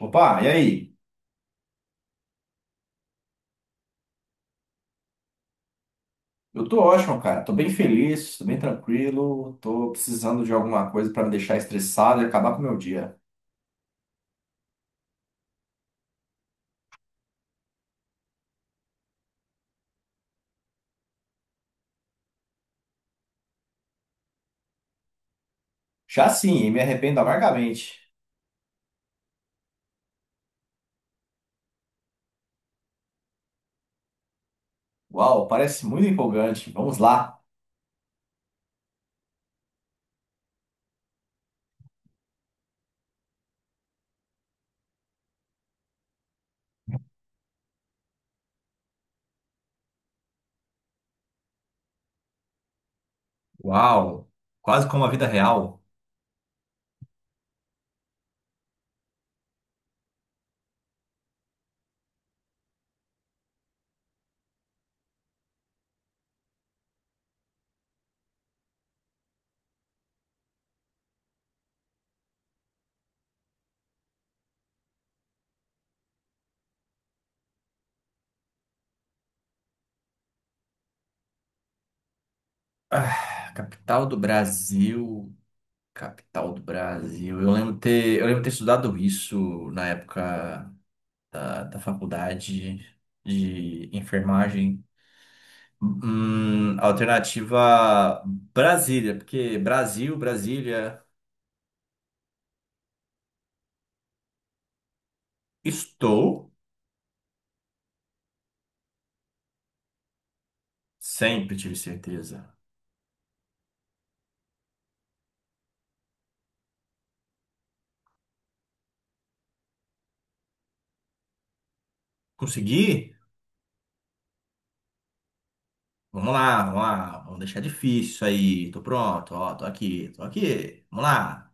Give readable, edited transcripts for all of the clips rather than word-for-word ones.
Opa, e aí? Eu tô ótimo, cara. Tô bem feliz, tô bem tranquilo. Tô precisando de alguma coisa pra me deixar estressado e acabar com o meu dia. Já sim, e me arrependo amargamente. Uau, parece muito empolgante. Vamos lá. Uau! Quase como a vida real. Ah, capital do Brasil, capital do Brasil. Eu lembro ter estudado isso na época da faculdade de enfermagem. Alternativa Brasília, porque Brasil, Brasília, estou, sempre tive certeza. Consegui? Vamos lá, vamos lá, vamos deixar difícil isso aí. Tô pronto, ó, tô aqui, tô aqui. Vamos lá.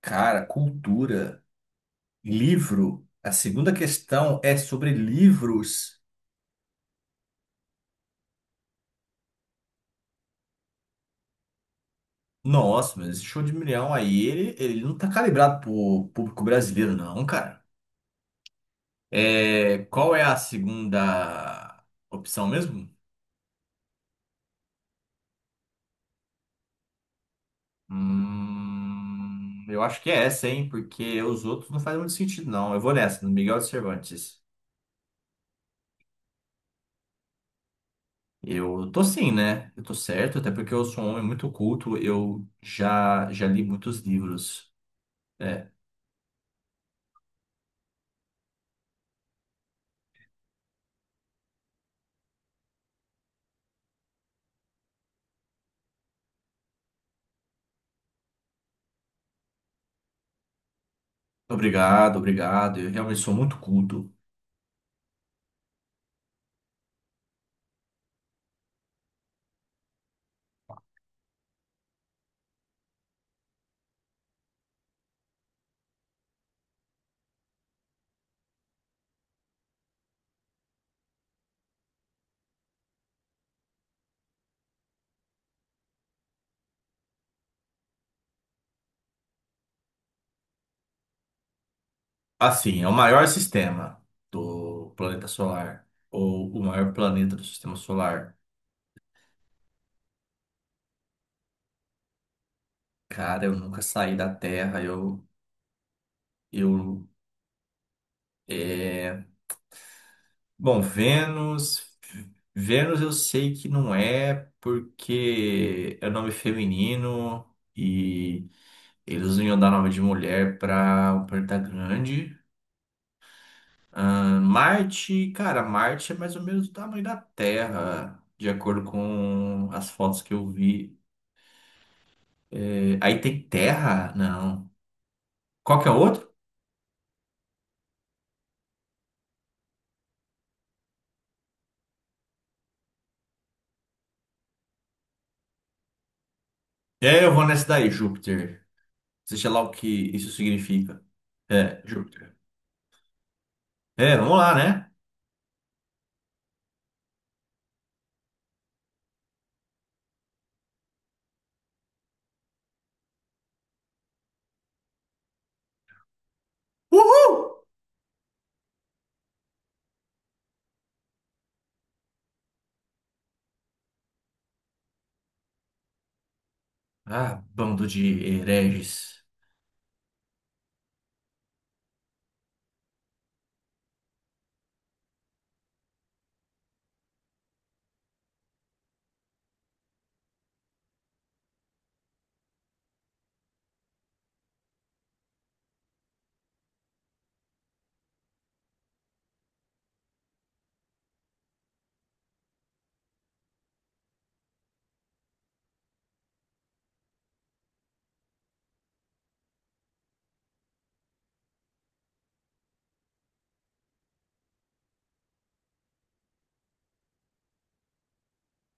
Cara, cultura, livro. A segunda questão é sobre livros. Nossa, mas esse show de milhão aí, ele não tá calibrado pro público brasileiro, não, cara. É, qual é a segunda opção mesmo? Eu acho que é essa, hein? Porque os outros não fazem muito sentido, não. Eu vou nessa, no Miguel de Cervantes. Eu tô sim, né? Eu tô certo, até porque eu sou um homem muito culto. Eu já li muitos livros. É, obrigado, obrigado. Eu realmente sou muito culto. Assim, é o maior sistema do planeta solar, ou o maior planeta do sistema solar. Cara, eu nunca saí da Terra. Eu é, Bom, Vênus. Vênus eu sei que não é porque é nome feminino e eles não iam dar nome de mulher para um planeta grande. Ah, Marte, cara, Marte é mais ou menos do tamanho da Terra, de acordo com as fotos que eu vi. É, aí tem Terra? Não. Qual que é o outro? É, eu vou nessa daí, Júpiter. Seja lá o que isso significa. É, Júpiter. É, vamos lá, né? Uhul! Ah, bando de hereges.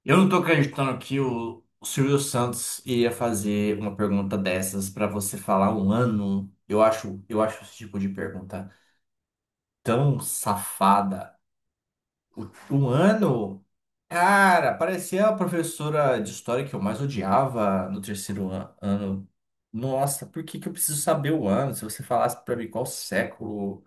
Eu não tô acreditando que o Silvio Santos iria fazer uma pergunta dessas pra você falar um ano. Eu acho esse tipo de pergunta tão safada. O- Um ano? Cara, parecia a professora de história que eu mais odiava no terceiro ano. Nossa, por que que eu preciso saber o ano? Se você falasse pra mim qual século.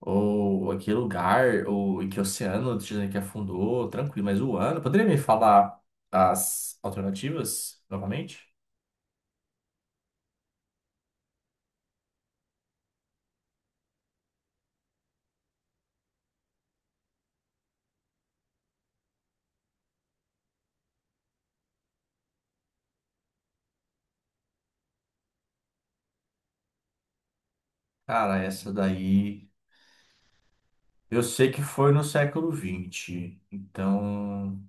Ou em que lugar, ou em que oceano o Titanic afundou, tranquilo. Mas o ano, poderia me falar as alternativas novamente? Cara, essa daí eu sei que foi no século XX, então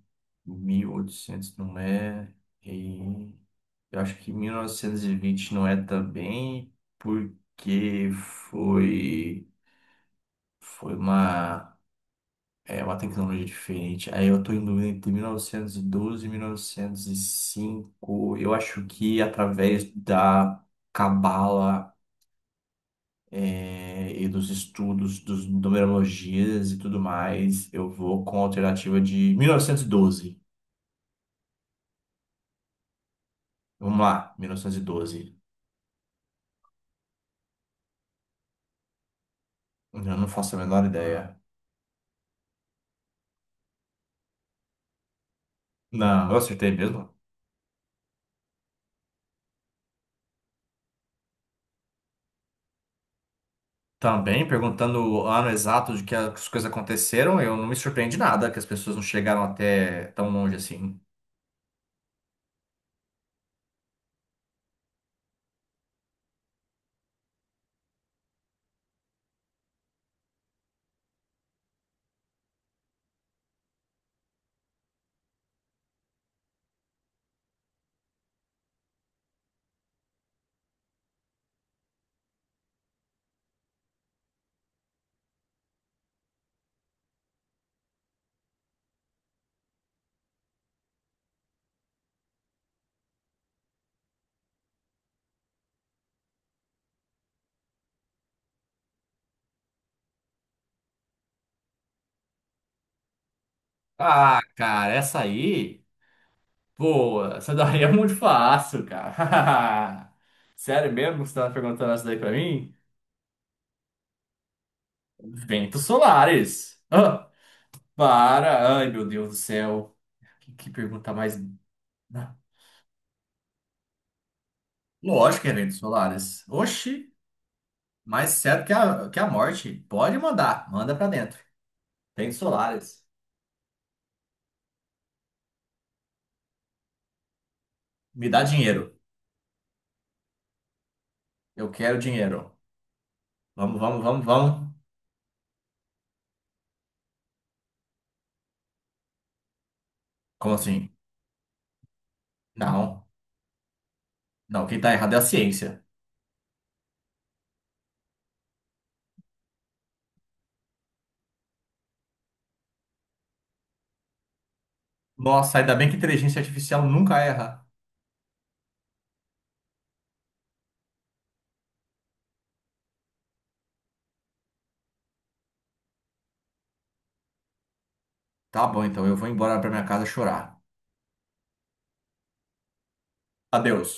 1800 não é, e eu acho que 1920 não é também, porque foi, foi uma. É uma tecnologia diferente. Aí eu tô em dúvida entre 1912 e 1905. Eu acho que através da cabala é, e dos estudos, dos numerologias e tudo mais, eu vou com a alternativa de 1912. Vamos lá, 1912. Eu não faço a menor ideia. Não, eu acertei mesmo. Também perguntando o ano exato de que as coisas aconteceram, eu não me surpreende nada que as pessoas não chegaram até tão longe assim. Ah, cara, essa aí, pô, essa daí é muito fácil, cara. Sério mesmo que você tava perguntando essa daí pra mim? Ventos solares. Ah, para. Ai, meu Deus do céu. Que pergunta mais. Lógico que é ventos solares. Oxi, mais certo que a morte. Pode mandar, manda pra dentro. Ventos solares. Me dá dinheiro. Eu quero dinheiro. Vamos, vamos, vamos, vamos. Como assim? Não, não, quem tá errado é a ciência. Nossa, ainda bem que inteligência artificial nunca erra. Tá bom, então eu vou embora pra minha casa chorar. Adeus.